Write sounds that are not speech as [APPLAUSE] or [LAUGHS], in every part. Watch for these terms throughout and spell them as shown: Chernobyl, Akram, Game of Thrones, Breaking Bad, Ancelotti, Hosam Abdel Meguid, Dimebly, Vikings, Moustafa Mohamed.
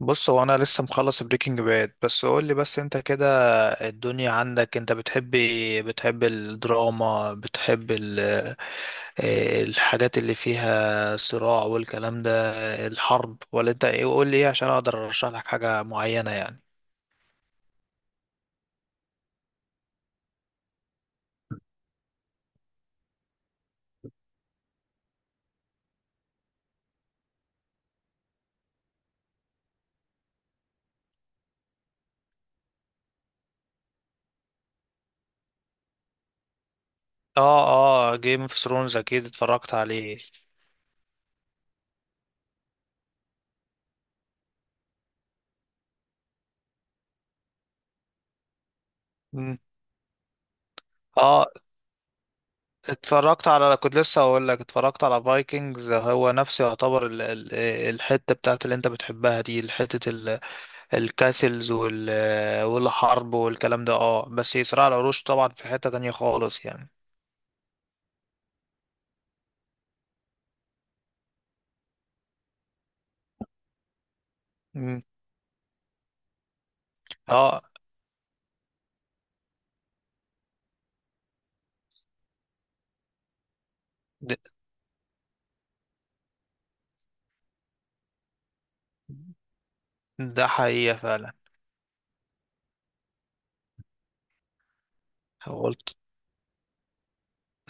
بص، هو انا لسه مخلص بريكنج باد. بس قول لي بس انت كده، الدنيا عندك انت بتحب إيه؟ بتحب الدراما، بتحب إيه الحاجات اللي فيها صراع والكلام ده، الحرب؟ ولا انت ايه؟ قول لي ايه عشان اقدر ارشح لك حاجة معينة يعني. اه، اه جيم اوف ثرونز اكيد اتفرجت عليه. مم. اه، اتفرجت على كنت لسه اقول لك اتفرجت على فايكنجز، هو نفسه يعتبر الحتة بتاعت اللي انت بتحبها دي، الحتة الكاسلز والحرب والكلام ده. اه بس صراع العروش طبعا في حتة تانية خالص يعني. مم. اه، ده, ده حقيقة فعلا. قلت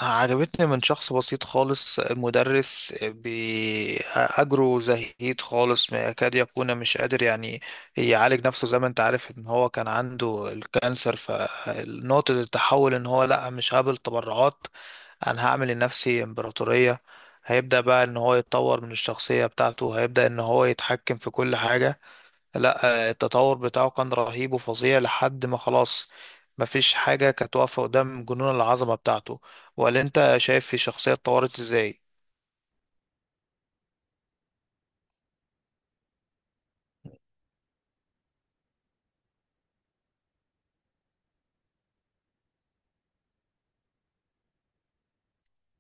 عجبتني من شخص بسيط خالص، مدرس بأجره زهيد خالص، ما يكاد يكون مش قادر يعني يعالج نفسه، زي ما انت عارف ان هو كان عنده الكانسر. فنقطة التحول ان هو لا مش هقبل تبرعات، انا هعمل لنفسي امبراطورية. هيبدأ بقى ان هو يتطور من الشخصية بتاعته، هيبدأ ان هو يتحكم في كل حاجة. لا، التطور بتاعه كان رهيب وفظيع لحد ما خلاص مفيش حاجة كانت واقفة قدام جنون العظمة بتاعته. ولا انت شايف الشخصية اتطورت ازاي؟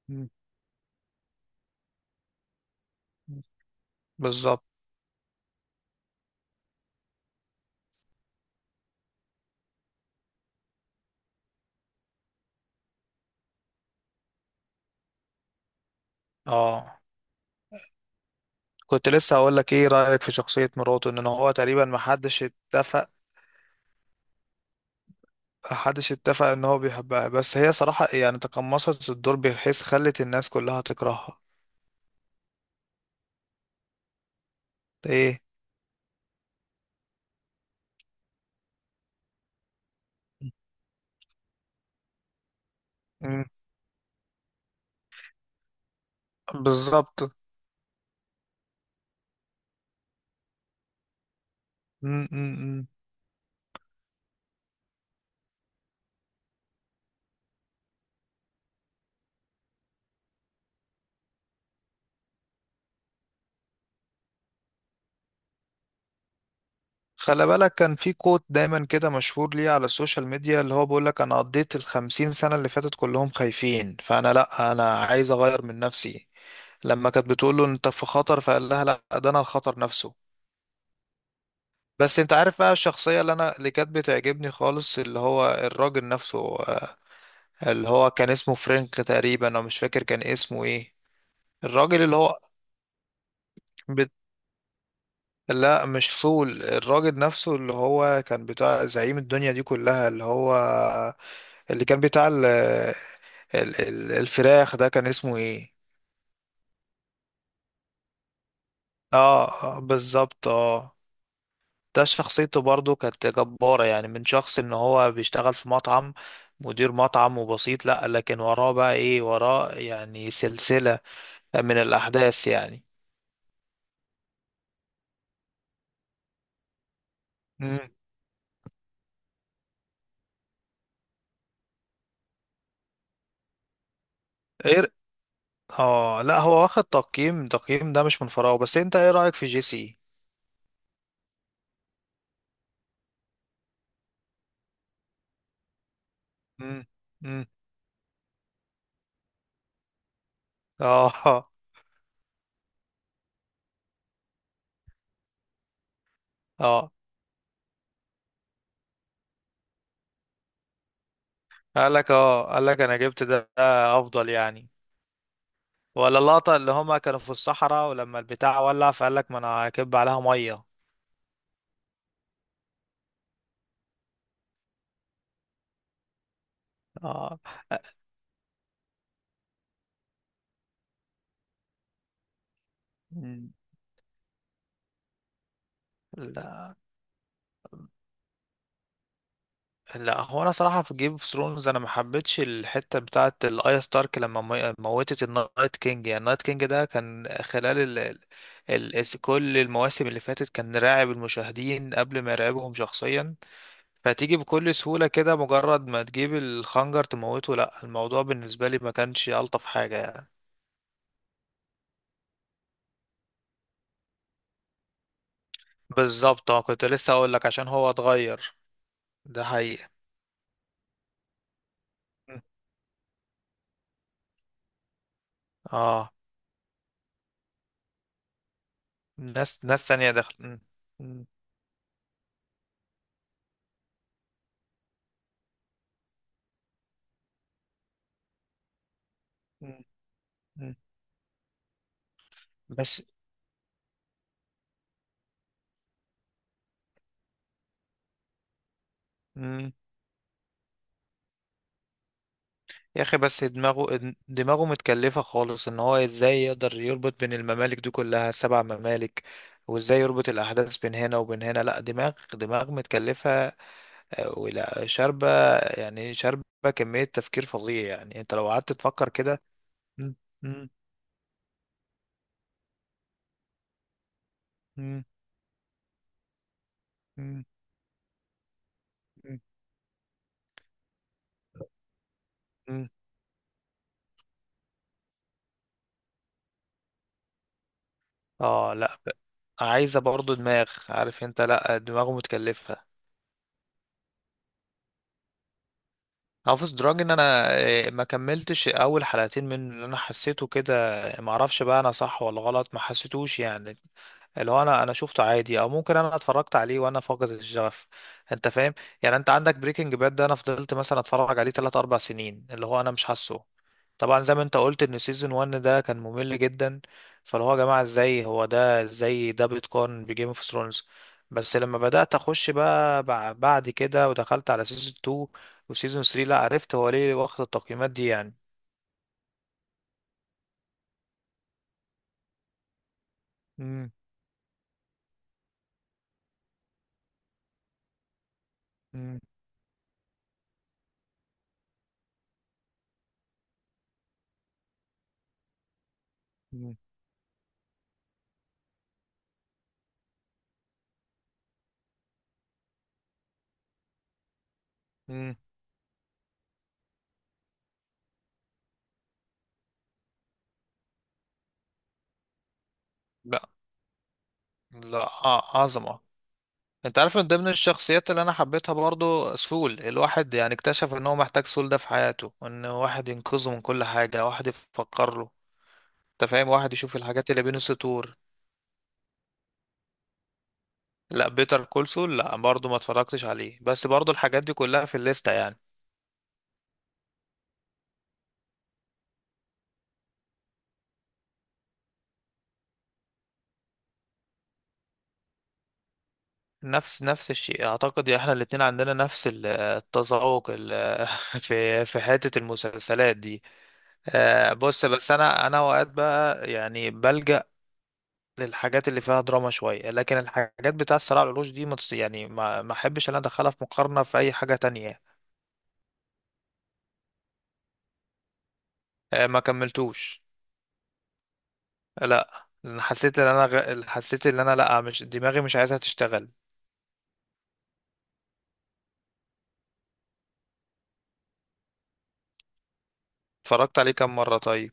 مم. بالظبط. اه كنت لسه هقول لك ايه رأيك في شخصية مراته، ان هو تقريبا ما حدش اتفق، محدش اتفق ان هو بيحبها، بس هي صراحة يعني تقمصت الدور بحيث خلت الناس كلها تكرهها. ايه. مم. بالظبط. مم، مم، مم. خلي بالك كان في كوت دايما كده مشهور ليه على السوشيال ميديا، اللي هو بيقولك انا قضيت 50 سنة اللي فاتت كلهم خايفين، فانا لا انا عايز اغير من نفسي. لما كانت بتقوله انت في خطر فقال لها لا، ده انا الخطر نفسه. بس انت عارف بقى الشخصية اللي انا اللي كانت بتعجبني خالص، اللي هو الراجل نفسه، اللي هو كان اسمه فرانك تقريبا، انا مش فاكر كان اسمه ايه. الراجل اللي هو لا مش فول، الراجل نفسه اللي هو كان بتاع زعيم الدنيا دي كلها، اللي هو اللي كان بتاع ال ال ال الفراخ، ده كان اسمه ايه؟ اه، بالظبط اه. ده شخصيته برضو كانت جبارة يعني، من شخص ان هو بيشتغل في مطعم، مدير مطعم وبسيط، لا لكن وراه بقى ايه؟ وراه يعني سلسلة من الأحداث يعني. مم. ايه. اه لا، هو واخد تقييم، تقييم ده مش من فراغ. بس انت ايه رأيك في جيسي؟ مم. مم. اه، اه قال لك انا جبت ده ده افضل يعني. ولا اللقطة اللي هما كانوا في الصحراء ولما البتاع ولع، فقال لك ما انا هكب عليها مية. اه. مم. لا، لا هو انا صراحة في جيم اوف ثرونز انا ما حبيتش الحتة بتاعت الايا ستارك، لما موتت النايت كينج. يعني النايت كينج ده كان خلال كل المواسم اللي فاتت كان راعب المشاهدين قبل ما يراقبهم شخصيا. فتيجي بكل سهولة كده، مجرد ما تجيب الخنجر تموته؟ لا الموضوع بالنسبة لي ما كانش ألطف حاجة يعني. بالظبط. اه كنت لسه أقول لك عشان هو اتغير، ده حقيقة. م. اه. ناس تانية دخل. م. م. م. م. بس م. يا أخي بس دماغه دماغه متكلفة خالص، إن هو إزاي يقدر يربط بين الممالك دي كلها، 7 ممالك. وإزاي يربط الأحداث بين هنا وبين هنا. لا دماغ دماغ متكلفة، ولا شاربة يعني، شاربة كمية تفكير فظيع يعني. انت لو قعدت تفكر كده. مم، مم، مم، مم، مم، مم. اه لا، عايزة برضو دماغ، عارف انت، لا دماغه متكلفة. هافس دراج ان انا ما كملتش اول حلقتين، من اللي انا حسيته كده ما اعرفش بقى انا صح ولا غلط، ما حسيتوش يعني. اللي هو انا شفته عادي، او ممكن انا اتفرجت عليه وانا فاقد الشغف، انت فاهم؟ يعني انت عندك بريكنج باد ده انا فضلت مثلا اتفرج عليه 3 4 سنين، اللي هو انا مش حاسه. طبعا زي ما انت قلت ان سيزون 1 ده كان ممل جدا. فاللي هو يا جماعه، ازاي هو ده ازاي ده بيتقارن بجيم اوف ثرونز؟ بس لما بدات اخش بقى بعد كده ودخلت على سيزون 2 وسيزون 3، لا عرفت هو ليه واخد التقييمات دي يعني. امم امم امم لا، لا عظمه. انت عارف من ضمن الشخصيات اللي انا حبيتها برضو سول، الواحد يعني اكتشف ان هو محتاج سول ده في حياته، ان واحد ينقذه من كل حاجة، واحد يفكر له، انت فاهم؟ واحد يشوف الحاجات اللي بين السطور. لا بيتر كول سول، لا برضو ما اتفرجتش عليه، بس برضو الحاجات دي كلها في الليستة يعني. نفس الشيء اعتقد، احنا الاتنين عندنا نفس التذوق [LAUGHS] في في حتة المسلسلات دي. بص بس انا اوقات بقى يعني بلجأ للحاجات اللي فيها دراما شوية، لكن الحاجات بتاع الصراع على العروش دي ما يعني ما احبش ان انا ادخلها في مقارنة في اي حاجة تانية. ما كملتوش. لا، لأن حسيت ان انا حسيت ان انا لا مش دماغي مش عايزها تشتغل. اتفرجت عليه كام مرة طيب؟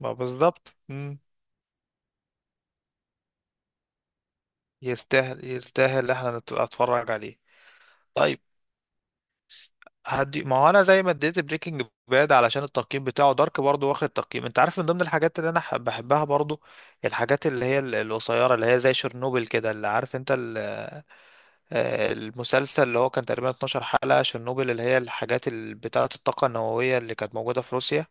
ما بالظبط. مم. يستاهل، يستاهل احنا اتفرج عليه. طيب هدي، ما هو انا زي ما اديت بريكنج باد علشان التقييم بتاعه، دارك برضو واخد تقييم. انت عارف من ضمن الحاجات اللي انا بحبها برضو الحاجات اللي هي القصيرة، اللي هي زي شرنوبل كده، اللي عارف انت، المسلسل اللي هو كان تقريبا 12 حلقة، شيرنوبل اللي هي الحاجات بتاعة الطاقة النووية اللي كانت موجودة في روسيا.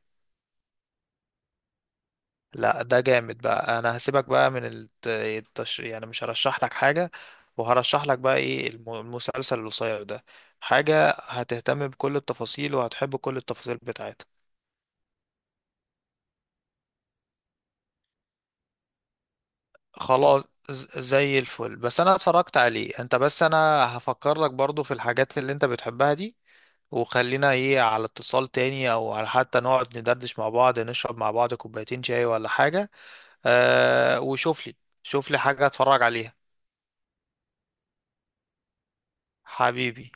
لا ده جامد بقى، انا هسيبك بقى من يعني مش هرشح لك حاجة، وهرشح لك بقى ايه، المسلسل القصير ده، حاجة هتهتم بكل التفاصيل وهتحب كل التفاصيل بتاعتها. خلاص. زي الفل. بس انا اتفرجت عليه انت، بس انا هفكر لك برضو في الحاجات اللي انت بتحبها دي. وخلينا ايه على اتصال تاني، او على حتى نقعد ندردش مع بعض، نشرب مع بعض كوبايتين شاي ولا حاجة. وشوف لي، شوف لي حاجة اتفرج عليها. حبيبي.